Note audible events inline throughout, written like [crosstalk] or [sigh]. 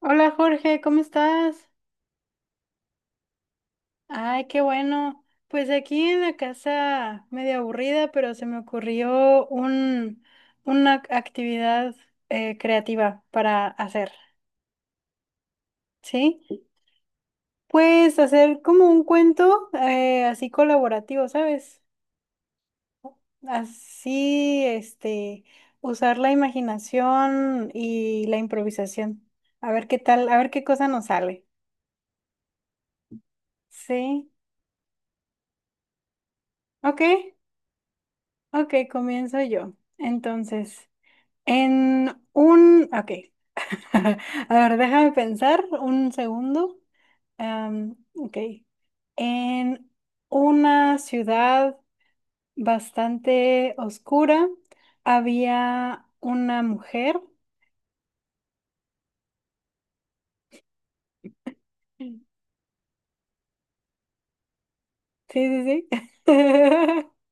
Hola, Jorge, ¿cómo estás? Ay, qué bueno. Pues aquí en la casa medio aburrida, pero se me ocurrió un, una actividad creativa para hacer, ¿sí? Pues hacer como un cuento así colaborativo, ¿sabes? Así, este, usar la imaginación y la improvisación. A ver qué tal, a ver qué cosa nos sale. Sí, ok, ok, comienzo yo. Entonces. Ok. [laughs] A ver, déjame pensar un segundo. Ok. En una ciudad bastante oscura había una mujer. Sí, sí, sí. [laughs]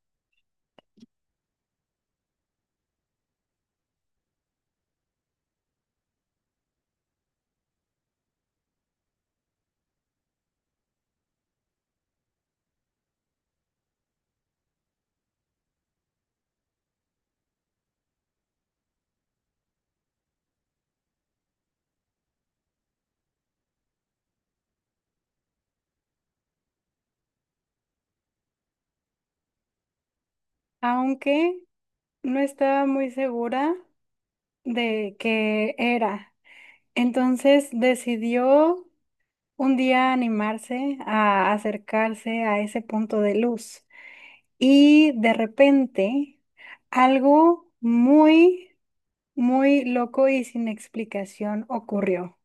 Aunque no estaba muy segura de qué era. Entonces decidió un día animarse a acercarse a ese punto de luz. Y de repente, algo muy, muy loco y sin explicación ocurrió.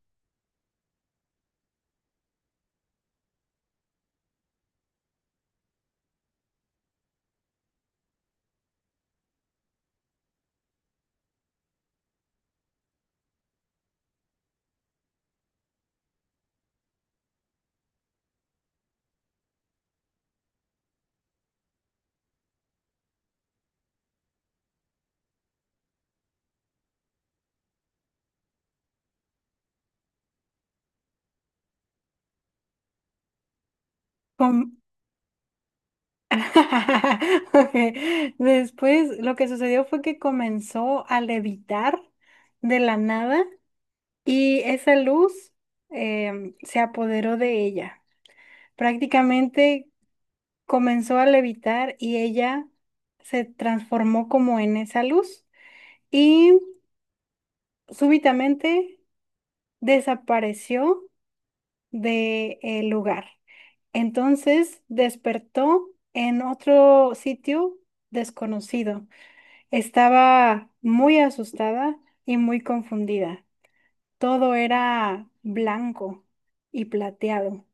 Com- [laughs] Ok, después, lo que sucedió fue que comenzó a levitar de la nada y esa luz se apoderó de ella. Prácticamente comenzó a levitar y ella se transformó como en esa luz y súbitamente desapareció de el lugar. Entonces despertó en otro sitio desconocido. Estaba muy asustada y muy confundida. Todo era blanco y plateado.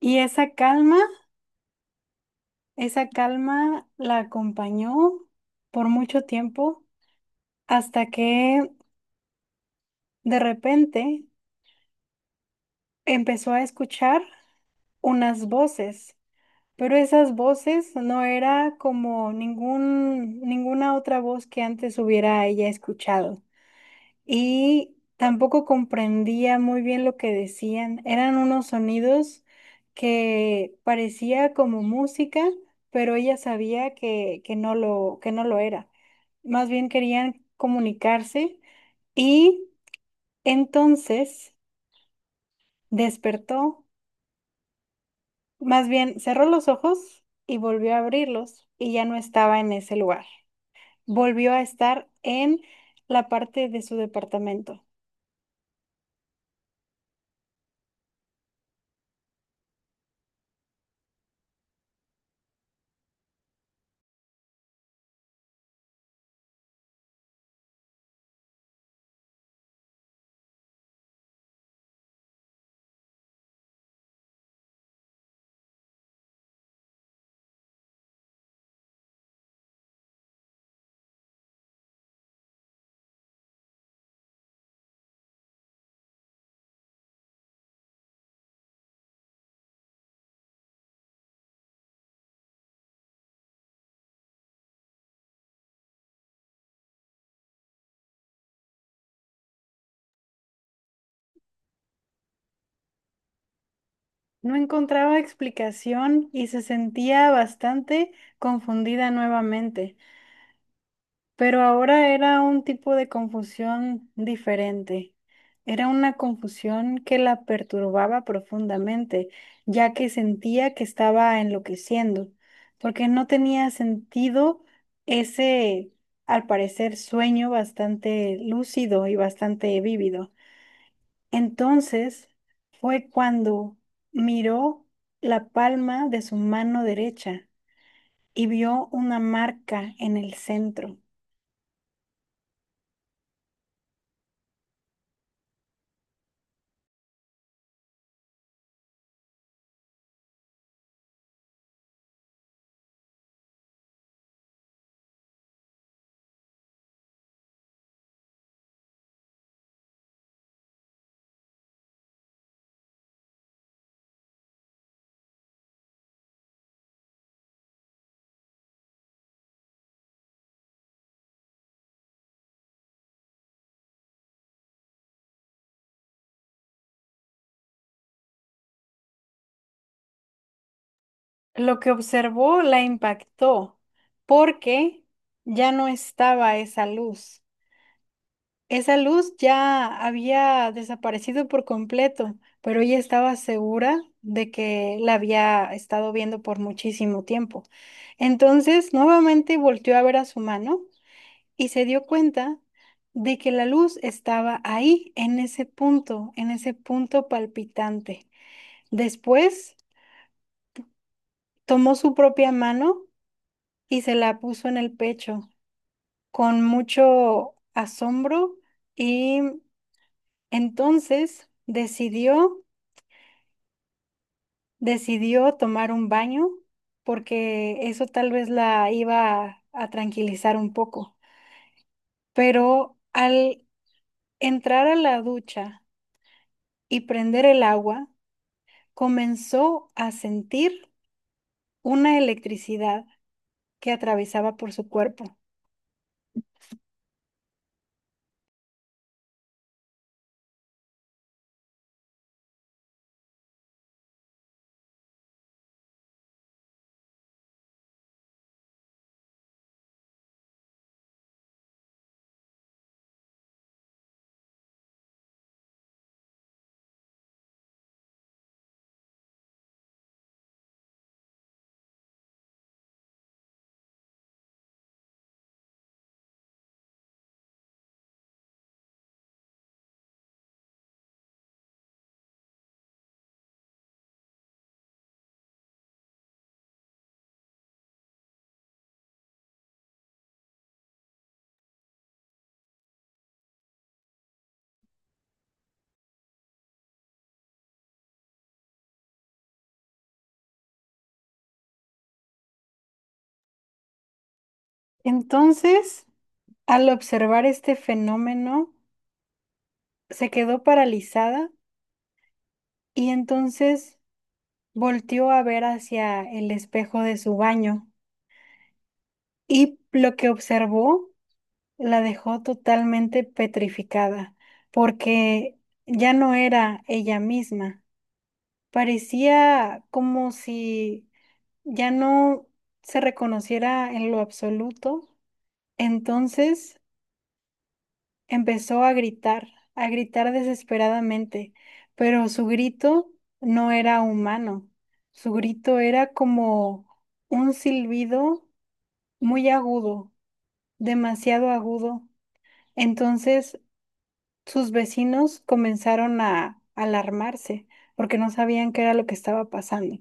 Y esa calma la acompañó por mucho tiempo hasta que de repente empezó a escuchar unas voces. Pero esas voces no era como ninguna otra voz que antes hubiera ella escuchado. Y tampoco comprendía muy bien lo que decían. Eran unos sonidos que parecía como música, pero ella sabía que que no lo era. Más bien querían comunicarse. Y entonces despertó, más bien cerró los ojos y volvió a abrirlos y ya no estaba en ese lugar. Volvió a estar en la parte de su departamento. No encontraba explicación y se sentía bastante confundida nuevamente, pero ahora era un tipo de confusión diferente. Era una confusión que la perturbaba profundamente, ya que sentía que estaba enloqueciendo, porque no tenía sentido ese, al parecer, sueño bastante lúcido y bastante vívido. Entonces fue cuando miró la palma de su mano derecha y vio una marca en el centro. Lo que observó la impactó porque ya no estaba esa luz. Esa luz ya había desaparecido por completo, pero ella estaba segura de que la había estado viendo por muchísimo tiempo. Entonces, nuevamente volteó a ver a su mano y se dio cuenta de que la luz estaba ahí, en ese punto palpitante. Después tomó su propia mano y se la puso en el pecho con mucho asombro y entonces decidió tomar un baño porque eso tal vez la iba a tranquilizar un poco. Pero al entrar a la ducha y prender el agua, comenzó a sentir una electricidad que atravesaba por su cuerpo. Entonces, al observar este fenómeno, se quedó paralizada y entonces volteó a ver hacia el espejo de su baño y lo que observó la dejó totalmente petrificada porque ya no era ella misma. Parecía como si ya no se reconociera en lo absoluto. Entonces empezó a gritar desesperadamente, pero su grito no era humano, su grito era como un silbido muy agudo, demasiado agudo. Entonces sus vecinos comenzaron a alarmarse porque no sabían qué era lo que estaba pasando.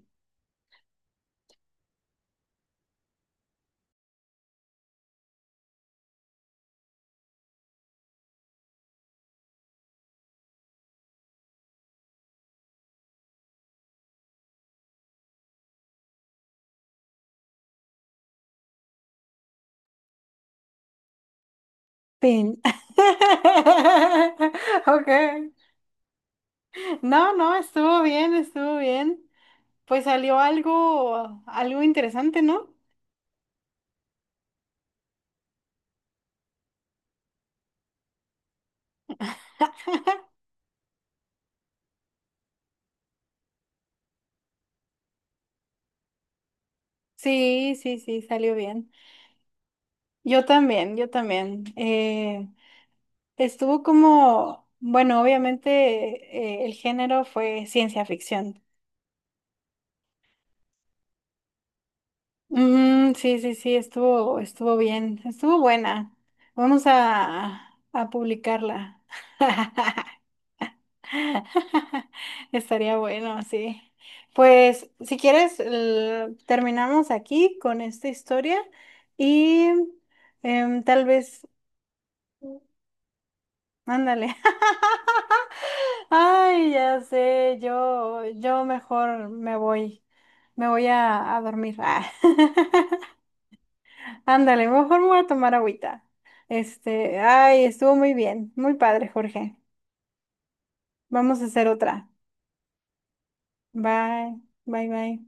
Pin. [laughs] Ok. No, no, estuvo bien, estuvo bien. Pues salió algo, algo interesante, ¿no? Sí, sí, sí, salió bien. Yo también, yo también. Estuvo como, bueno, obviamente el género fue ciencia ficción. Mm, sí, sí, sí, estuvo, estuvo bien, estuvo buena. Vamos a publicarla. [laughs] [laughs] Estaría bueno, sí. Pues si quieres, terminamos aquí con esta historia y tal vez, ándale. [laughs] Ay, ya sé, yo mejor me voy a dormir. Ah. [laughs] Ándale, mejor me voy a tomar agüita. Este, ay, estuvo muy bien, muy padre, Jorge. Vamos a hacer otra. Bye, bye, bye.